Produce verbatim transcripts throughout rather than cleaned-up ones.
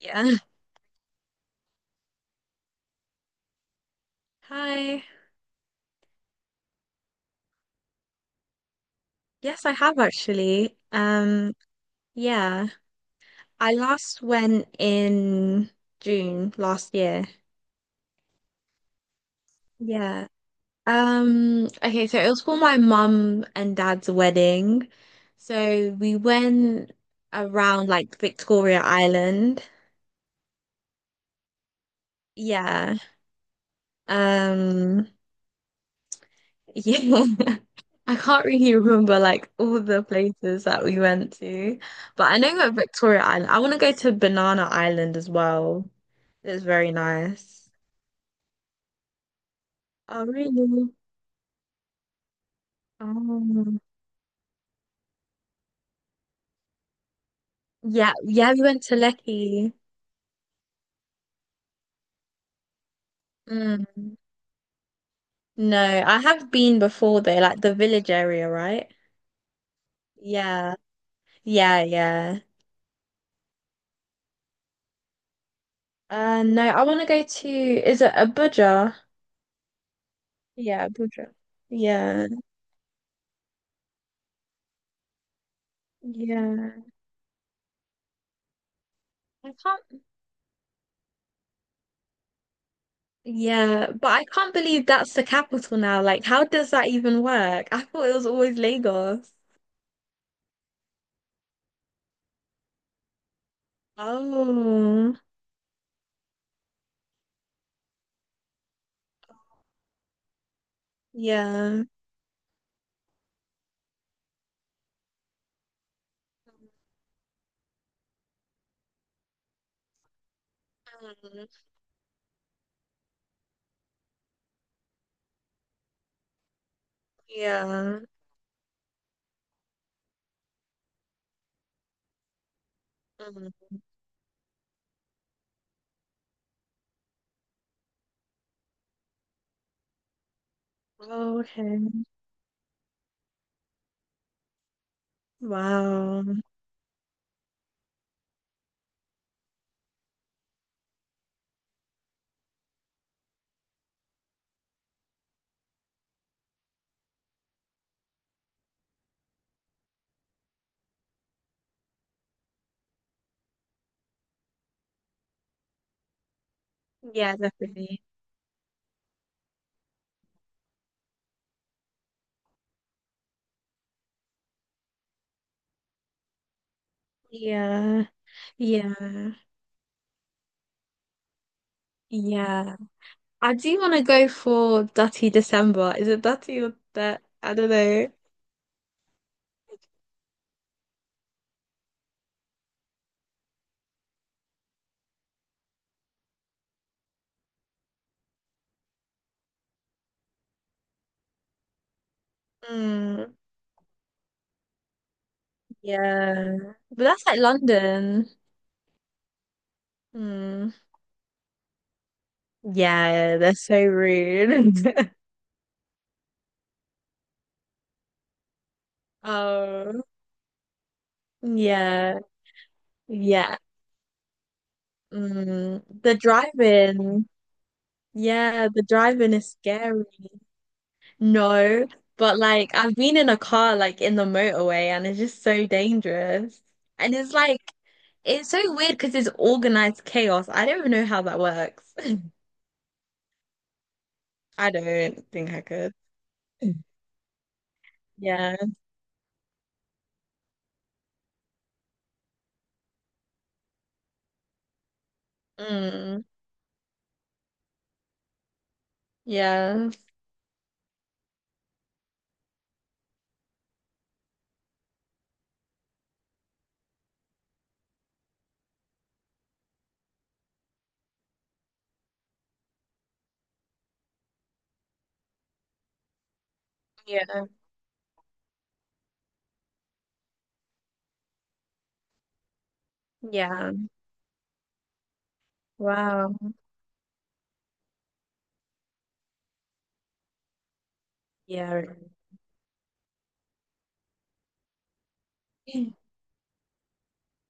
Yeah. Hi. Yes, I have actually. Um, yeah. I last went in June last year. Yeah. Um, okay, so it was for my mum and dad's wedding. So we went around like Victoria Island. Yeah. Um, Yeah. I can't really remember like all the places that we went to, but I know we at Victoria Island. I want to go to Banana Island as well. It's very nice. Oh, really? Oh. Yeah, yeah, we went to Lecky. Mm. No, I have been before though, like the village area, right? Yeah, yeah, yeah. Uh, no, I want to go to, is it Abuja? Yeah, Abuja. Yeah, yeah. I can't Yeah, but I can't believe that's the capital now. Like, how does that even work? I thought it was always Lagos. Oh, yeah. Mm, yeah. Mm. Okay. Wow. Yeah, definitely. Yeah. Yeah. Yeah. I do want to go for Dirty December. Is it Dirty or that? I don't know. Mm. Yeah. But that's like London. Mm. Yeah, that's so rude. Oh, yeah, yeah. Mm, the drive-in. Yeah, the drive-in is scary. No, but like I've been in a car like in the motorway, and it's just so dangerous. And it's like it's so weird because it's organized chaos. I don't even know how that works. I don't think I could. Yeah. Mm, yeah. Yeah. Yeah. Wow. Yeah.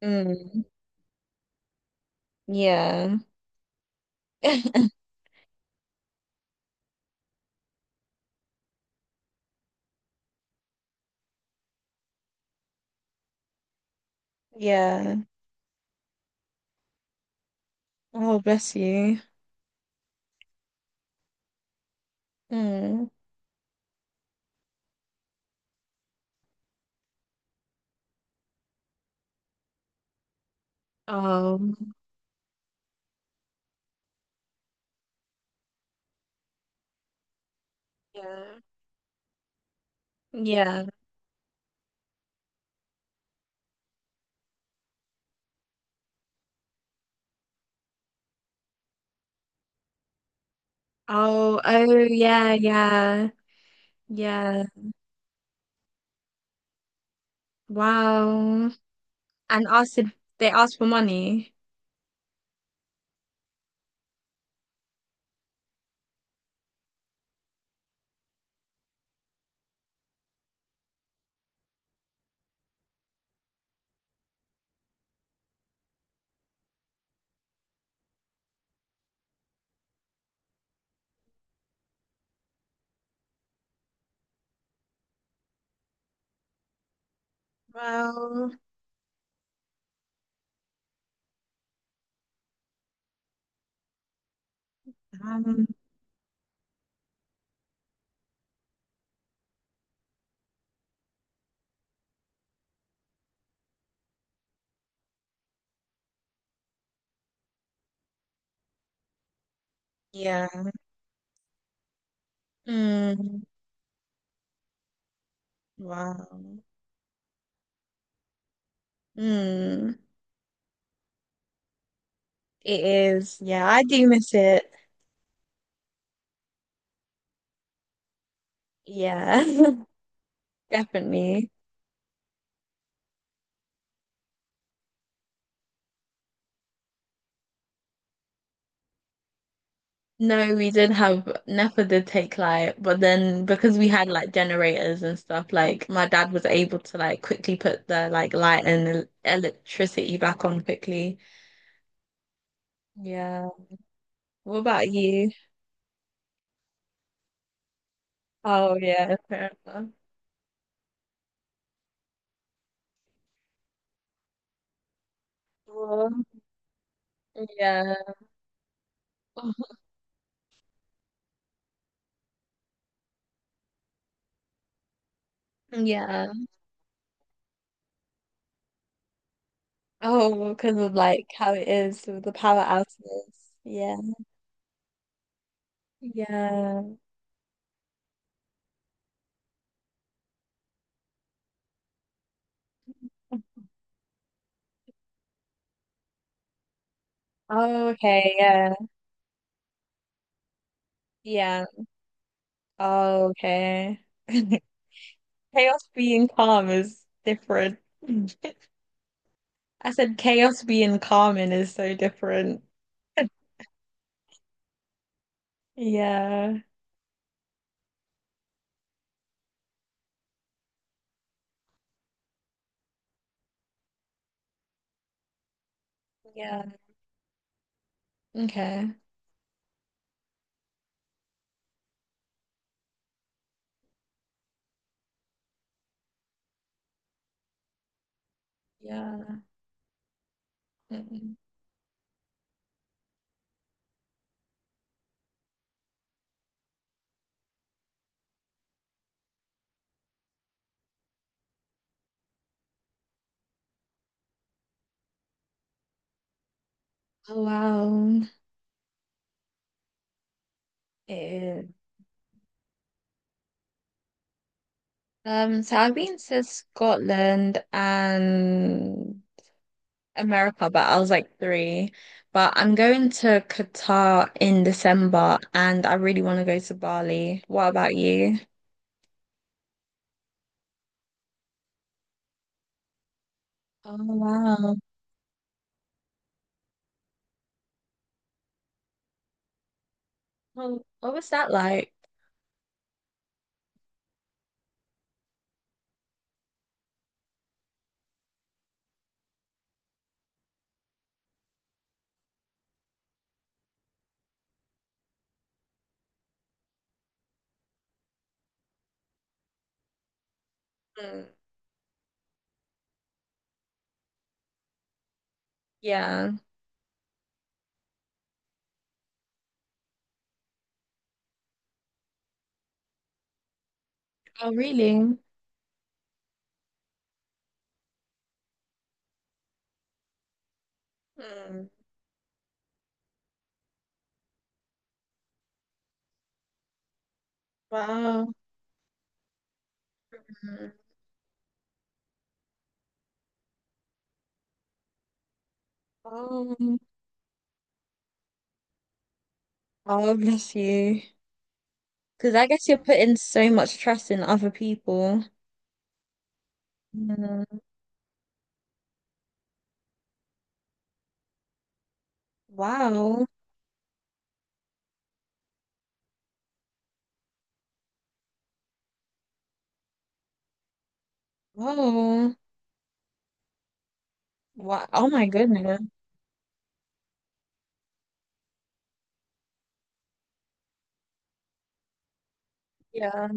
Mm, yeah. Yeah. Oh, bless you. Mm. Oh, yeah. Yeah. Oh, oh, yeah, yeah, yeah. Wow. And asked if they asked for money. Well, um, yeah. Mm. Wow. Mm. It is. Yeah, I do miss it. Yeah, definitely. No, we did have NEPA did take light, but then because we had like generators and stuff, like my dad was able to like quickly put the like light and el- electricity back on quickly. Yeah. What about you? Oh yeah, fair enough. Well, yeah. Yeah. Oh, because of like how it is with the power outages. Yeah. Yeah. Oh, okay. Yeah. Yeah. Oh, okay. Chaos being calm is different. I said chaos being common is so different. Yeah. Yeah. Okay. Yeah. Mm. Oh, wow. It is. Um, so I've been to Scotland and America, but I was like three. But I'm going to Qatar in December and I really want to go to Bali. What about you? Oh, wow. Well, what was that like? Mm, yeah. Oh, really? Mm, wow. Mm. Oh, um, oh, bless you. Because I guess you're putting so much trust in other people. Mm, wow. Oh, wow. Oh my goodness. Yeah.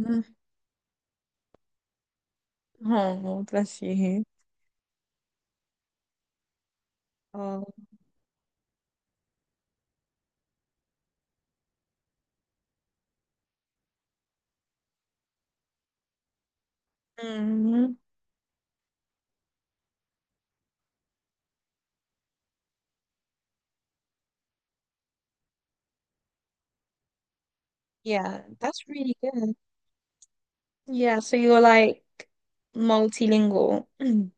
Oh, bless you. Oh, mm, yeah, that's really good. Yeah, so you're like multilingual.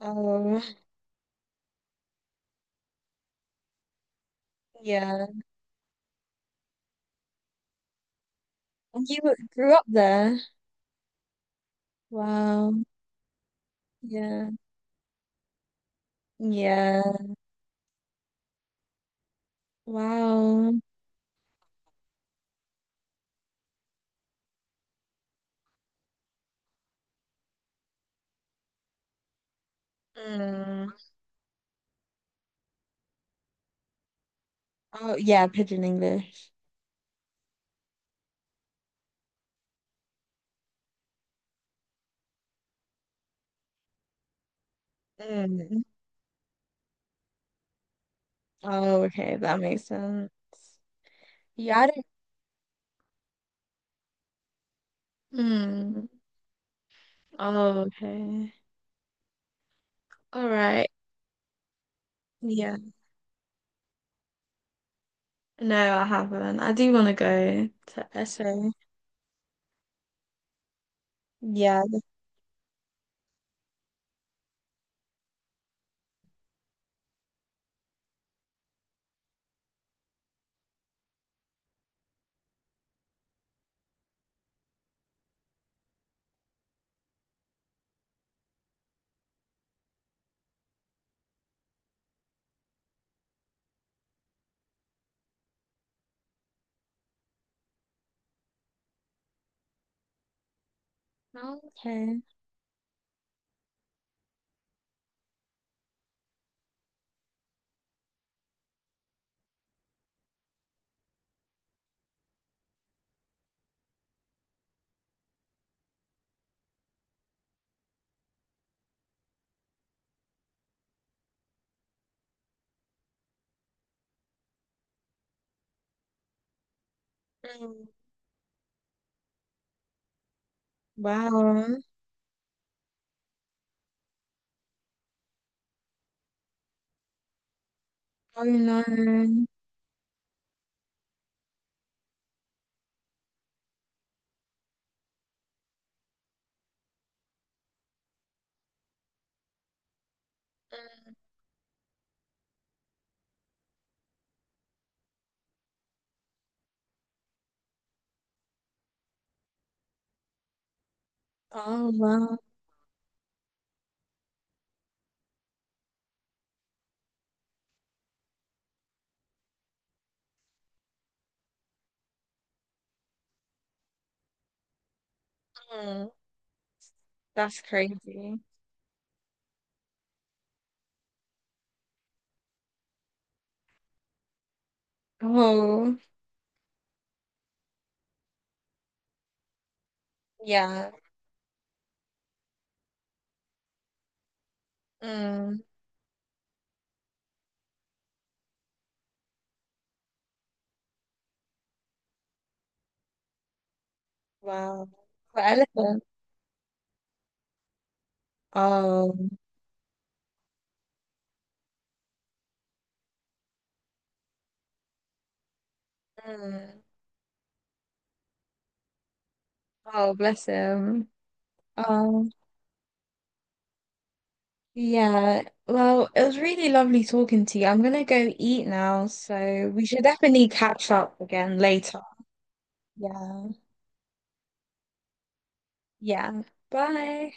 Oh, yeah. And you grew up there. Wow. Yeah. Yeah. Wow. Mm, Oh, yeah, Pigeon English. Mm, oh, okay, that makes sense. Yeah, I didn't. Hmm. Oh, okay. All right. Yeah. No, I haven't. I do want to go to S A. Yeah. Oh, okay. Mm, wow. Oh no. Oh wow. Mm. That's crazy. Oh yeah. Mm, wow. For elephant. Oh. Mm. Oh, bless him. Um, yeah. Well, it was really lovely talking to you. I'm gonna go eat now, so we should definitely catch up again later. Yeah. Yeah. Bye.